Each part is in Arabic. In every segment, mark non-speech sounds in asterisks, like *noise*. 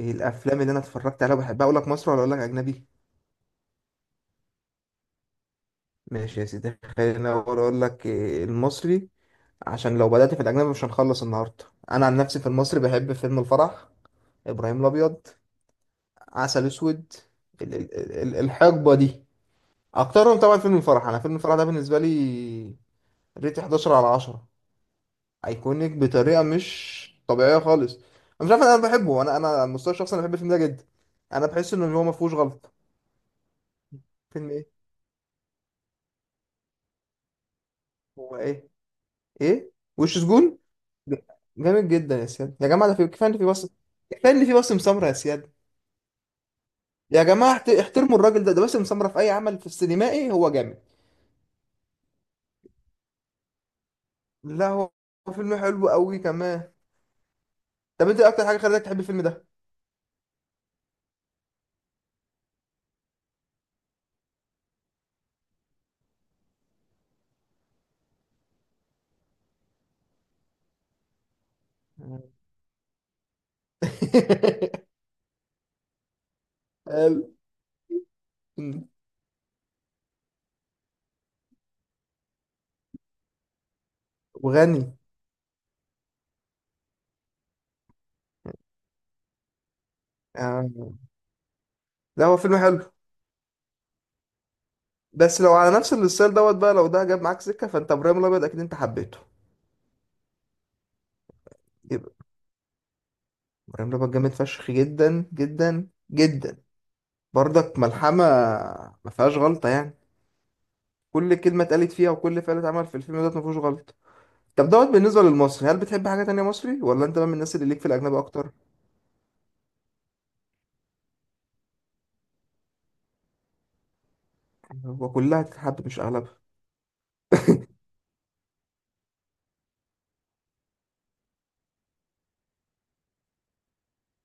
ايه الافلام اللي انا اتفرجت عليها وبحبها؟ اقول لك مصري ولا اقول لك اجنبي؟ ماشي يا سيدي، خلينا أقول لك إيه المصري، عشان لو بدأت في الاجنبي مش هنخلص النهارده. انا عن نفسي في المصري بحب فيلم الفرح، ابراهيم الابيض، عسل اسود، ال- ال- الحقبه دي. اكترهم طبعا فيلم الفرح. انا فيلم الفرح ده بالنسبه لي ريت 11 على 10. ايكونيك بطريقه مش طبيعيه خالص. انا مش عارف، انا بحبه، انا على المستوى الشخصي انا بحب الفيلم ده جدا. انا بحس ان هو ما فيهوش غلطه. فيلم ايه؟ هو ايه؟ ايه؟ وش سجون؟ جامد جدا يا سياد. يا جماعه ده في كفايه ان في باسم، كفايه ان في باسم سمره يا سياد. يا جماعه احترموا الراجل ده، ده باسم سمره، في اي عمل في السينمائي هو جامد. لا هو، هو فيلم حلو قوي كمان. طب انت إيه اكتر حاجه خلتك تحب الفيلم ده؟ *laughs* حلو. وغني. آه. لا هو فيلم حلو، بس لو على نفس الستايل دوت بقى، لو ده جاب معاك سكه فانت ابراهيم الابيض اكيد انت حبيته. يبقى ابراهيم الابيض جامد فشخ جدا جدا جدا. برضك ملحمه، ما فيهاش غلطه يعني. كل كلمة اتقالت فيها وكل فعل اتعمل في الفيلم دوت مفيهوش غلط. طب دوت بالنسبة للمصري، هل بتحب حاجة تانية مصري ولا انت بقى من الناس اللي ليك في الأجنبي أكتر؟ وكلها تتحب مش أغلبها.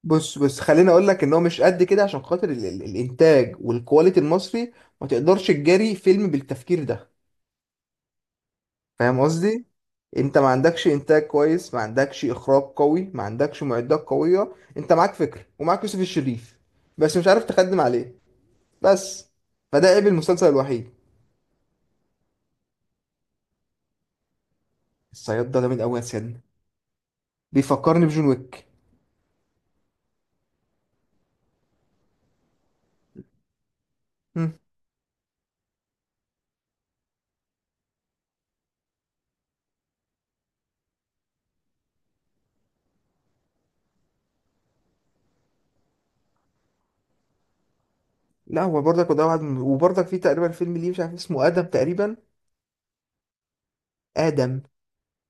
بص بص، خليني أقول لك إن هو مش قد كده عشان خاطر ال ال الإنتاج والكواليتي المصري. ما تقدرش تجاري فيلم بالتفكير ده. فاهم قصدي؟ أنت ما عندكش إنتاج كويس، ما عندكش إخراج قوي، ما عندكش معدات قوية، أنت معاك فكرة ومعاك يوسف الشريف، بس مش عارف تخدم عليه. بس فده عيب المسلسل الوحيد. الصياد ده جامد قوي يا سياد، بيفكرني بجون ويك. مم. لا هو برضك، وده واحد وبرضك في تقريبا فيلم ليه مش عارف اسمه، آدم تقريبا. آدم،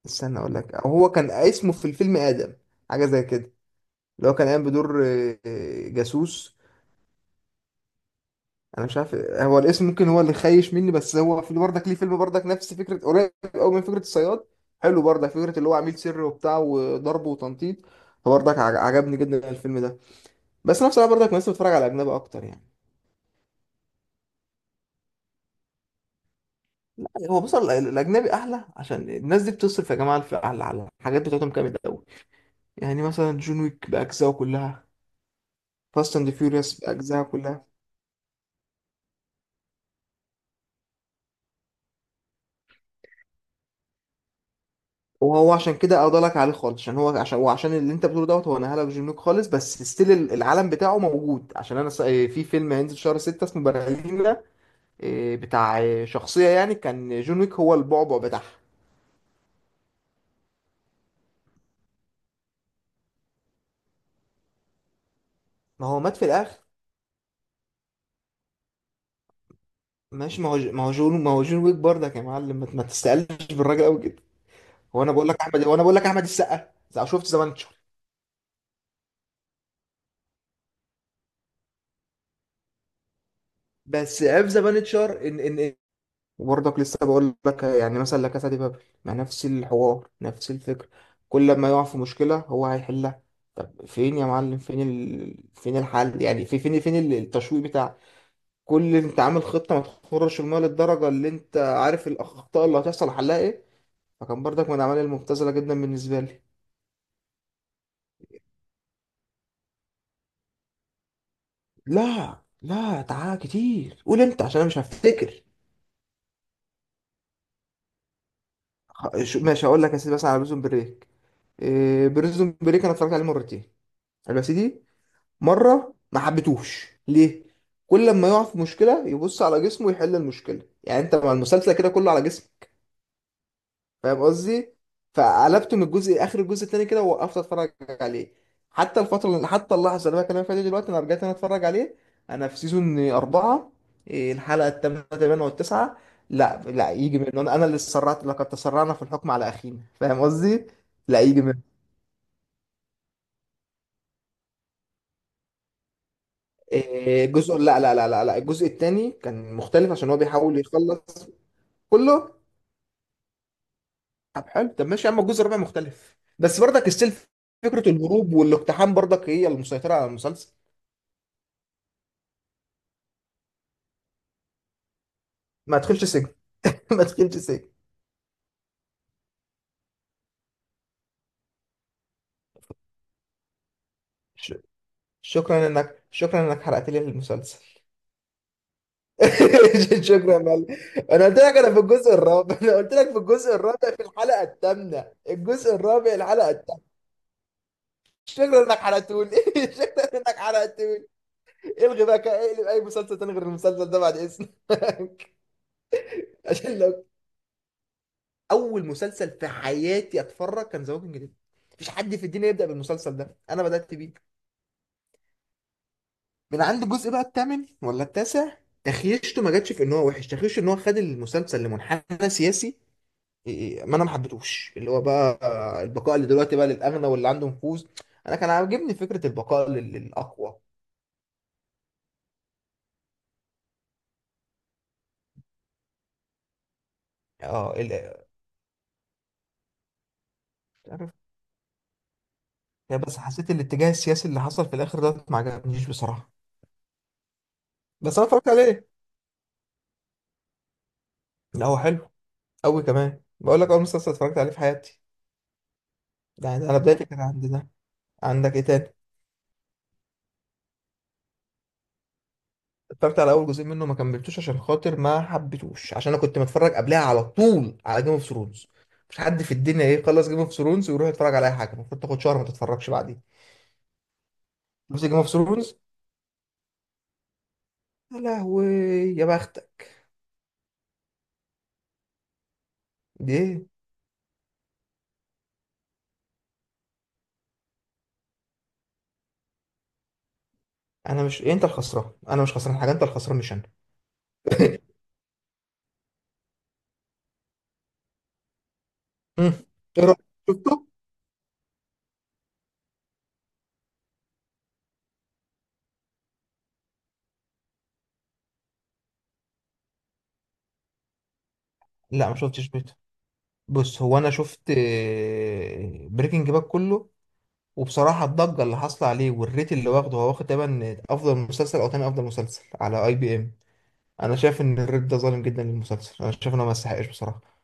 استنى اقول لك، أو هو كان اسمه في الفيلم آدم، حاجة زي كده، اللي هو كان قايم بدور جاسوس. انا مش عارف هو الاسم، ممكن هو اللي خايش مني، بس هو في برضك ليه فيلم برضك نفس فكرة، قريب قوي من فكرة الصياد. حلو برضك فكرة اللي هو عميل سري وبتاع وضرب وتنطيط، فبرضك عجبني جدا الفيلم ده. بس انا بصراحة برضك نفسي بتفرج على أجنبي اكتر يعني. لا، هو بص، الاجنبي احلى عشان الناس دي بتصرف يا جماعه في على على الحاجات بتاعتهم جامد قوي. يعني مثلا جون ويك باجزائه كلها، فاست اند فيوريوس باجزائها كلها. وهو عشان كده اضلك عليه خالص، عشان هو عشان اللي انت بتقوله دوت، هو نهالك جون ويك خالص بس ستيل العالم بتاعه موجود، عشان انا في فيلم هينزل شهر 6 اسمه برلينا. بتاع شخصيه يعني كان جون ويك هو البعبع بتاعها. ما هو مات في الاخر. ماشي، ما هو ما هو جون ويك برضك يا معلم، ما تستقلش بالراجل قوي. هو انا بقول لك احمد السقا، شفت ذا بانشر؟ بس في ذا بانشر ان. وبرضك لسه بقول لك، يعني مثلا لا كاسا دي بابل، مع نفس الحوار نفس الفكر، كل ما يقع في مشكله هو هيحلها. طب فين يا معلم، فين الحل يعني؟ في فين التشويق بتاع كل انت عامل خطه ما تخرش الميه للدرجه اللي انت عارف الاخطاء اللي هتحصل، حلها ايه؟ فكان برضك من الاعمال المبتذله جدا بالنسبه لي. لا لا تعال كتير، قول انت عشان انا مش هفتكر. ماشي هقول لك يا سيدي، مثلا على بريزون بريك. إيه بريزون بريك، انا اتفرجت عليه مرتين. حلو يا سيدي، مره ما حبيتهوش ليه، كل لما يقع في مشكله يبص على جسمه يحل المشكله، يعني انت مع المسلسل كده كله على جسمه. فاهم قصدي؟ فقلبت من الجزء اخر الجزء التاني كده ووقفت اتفرج عليه. حتى الفتره، حتى اللحظه اللي انا بكلمك فيها دي دلوقتي، انا رجعت انا اتفرج عليه، انا في سيزون اربعه، الحلقه الثامنه تقريبا والتسعه. لا لا، يجي من انا، اللي تسرعت، لقد تسرعنا في الحكم على اخينا. فاهم قصدي؟ لا يجي من الجزء، لا لا لا لا لا الجزء الثاني كان مختلف عشان هو بيحاول يخلص كله. طب حلو، طب ماشي يا عم، الجزء الرابع مختلف بس برضك السيلف، فكرة الهروب والاقتحام برضك هي المسيطرة على المسلسل. ما تدخلش سجن. *laughs* ما تدخلش سجن. ش- شكرا انك حرقت لي المسلسل. *laughs* شكرا يا معلم. انا قلت لك انا في الجزء الرابع، انا قلت لك في الجزء الرابع في الحلقه الثامنه، الجزء الرابع الحلقه الثامنه. شكرا انك حرقته لي. *laughs* شكرا انك حرقته لي. الغي بقى كده، اقلب اي مسلسل تاني غير المسلسل ده بعد اذنك. *laughs* عشان لو، اول مسلسل في حياتي اتفرج كان ذا ووكينج ديد، مفيش حد في الدنيا يبدا بالمسلسل ده، انا بدات بيه. من عند الجزء بقى الثامن ولا التاسع، تخيشته، ما جاتش في ان هو وحش، تخيشته ان هو خد المسلسل لمنحنى سياسي. إيه، إيه، ما انا ما حبيتهوش اللي هو بقى البقاء اللي دلوقتي بقى للاغنى واللي عنده نفوذ. انا كان عاجبني فكره البقاء للاقوى. اه ال- عارف، بس حسيت الاتجاه السياسي اللي حصل في الاخر ده ما عجبنيش بصراحه. بس انا اتفرجت عليه. لا هو حلو قوي كمان، بقول لك اول مسلسل اتفرجت عليه في حياتي، يعني انا بدايتي كانت عند ده. عندك ايه تاني؟ اتفرجت على اول جزئين منه ما كملتوش عشان خاطر ما حبيتوش، عشان انا كنت متفرج قبلها على طول على جيم اوف ثرونز، مش حد في الدنيا يخلص جيم اوف ثرونز ويروح يتفرج على اي حاجه، المفروض تاخد شهر ما تتفرجش بعدين، بس جيم اوف ثرونز. يا لهوي، يا بختك. دي ايه. انا مش، انت الخسران، انا مش خسران حاجه، انت الخسران مش انا. *laughs* مم. ايه رايك؟ شفته؟ لا ما شفتش بيته. بص هو انا شفت بريكنج باك كله، وبصراحه الضجه اللي حاصله عليه والريت اللي واخده، هو واخد تقريبا افضل مسلسل او تاني افضل مسلسل على اي بي ام. انا شايف ان الريد ده ظالم جدا للمسلسل، انا شايف انه ما يستحقش بصراحه.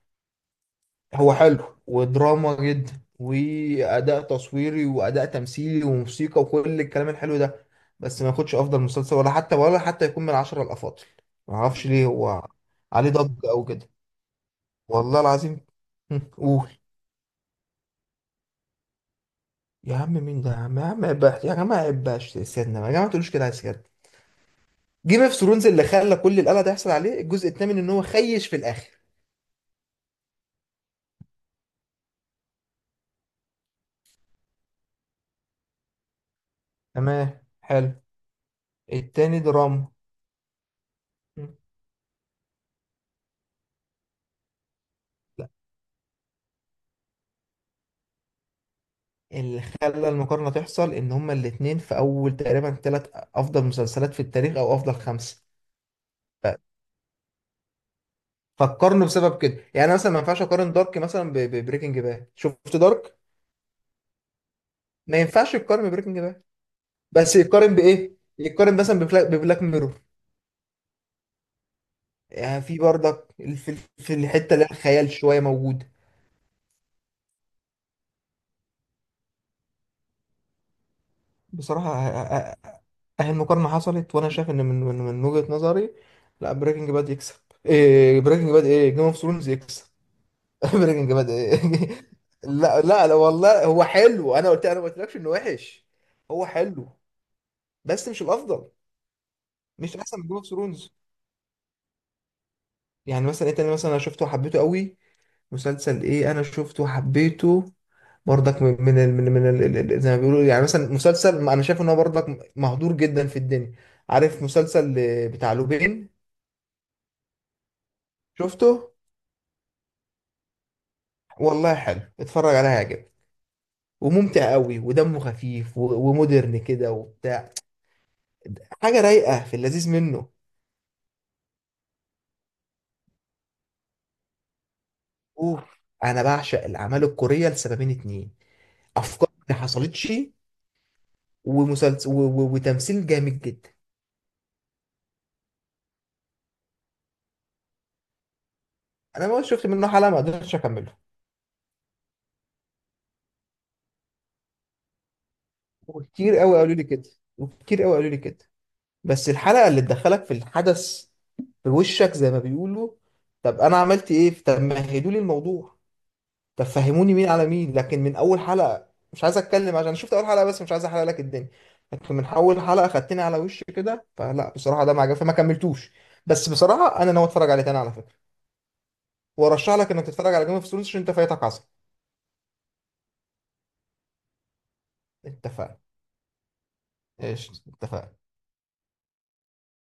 هو حلو ودراما جدا، واداء تصويري واداء تمثيلي وموسيقى وكل الكلام الحلو ده، بس ما ياخدش افضل مسلسل ولا حتى، يكون من العشرة الافاضل. ما اعرفش ليه هو عليه ضجه او كده. والله العظيم. هم، قول. يا عم مين ده يا عم، يا عم عباش يا جماعه، عباش سيادنا يا جماعه، ما تقولوش كده على سيادنا. جيم اوف ثرونز اللي خلى كل القلق ده يحصل عليه الجزء الثامن، ان هو خيش في الاخر. تمام، حلو. التاني دراما، اللي خلى المقارنة تحصل إن هما الاتنين في أول تقريبا تلات أفضل مسلسلات في التاريخ أو أفضل خمسة. ف- فقارنوا بسبب كده يعني. أنا مثلا ما ينفعش أقارن دارك مثلا ببريكنج باد، شفت دارك؟ ما ينفعش يقارن ببريكنج باد، بس يقارن بإيه؟ يقارن مثلا ببلاك ميرور، يعني في برضك في الحتة اللي هي الخيال شوية موجود. بصراحة، أ- أ- أهي المقارنة حصلت، وأنا شايف إن من وجهة نظري لا، بريكنج باد يكسب، إيه بريكنج باد، إيه جيم اوف ثرونز يكسب. *laughs* بريكنج باد ايه. *laughs* لا لا لا والله هو حلو، انا قلت ما قلتلكش انه وحش. هو حلو بس مش الافضل، مش احسن من جيم اوف ثرونز. يعني مثلا ايه تاني مثلا انا شفته وحبيته قوي؟ مسلسل ايه انا شفته وحبيته؟ برضك من من ال- من, من ال- ال- ال- زي ما بيقولوا، يعني مثلا مسلسل ما انا شايف ان هو برضك مهدور جدا في الدنيا. عارف مسلسل بتاع لوبين؟ شفته؟ والله حلو، اتفرج عليه هيعجبك، وممتع قوي ودمه خفيف ومودرن كده وبتاع، حاجه رايقه في اللذيذ منه. اوف. انا بعشق الاعمال الكوريه لسببين اتنين، افكار ما حصلتش، ومسلسل وتمثيل جامد جدا. انا ما شفت منه حلقه، ما قدرتش اكمله. وكتير قوي قالوا لي كده، وكتير قوي قالوا لي كده، بس الحلقه اللي تدخلك في الحدث في وشك زي ما بيقولوا. طب انا عملت ايه؟ طب مهدوا لي الموضوع، طب فهموني مين على مين، لكن من اول حلقه مش عايز اتكلم عشان شفت اول حلقه بس مش عايز احرق لك الدنيا. لكن من اول حلقه خدتني على وش كده، فلا بصراحه ده ما عجبني فما كملتوش. بس بصراحه انا ناوي اتفرج عليه تاني على فكره. وارشح لك انك تتفرج على جيم اوف ثرونز عشان انت فايتك عصر. اتفقنا. ايش اتفقنا.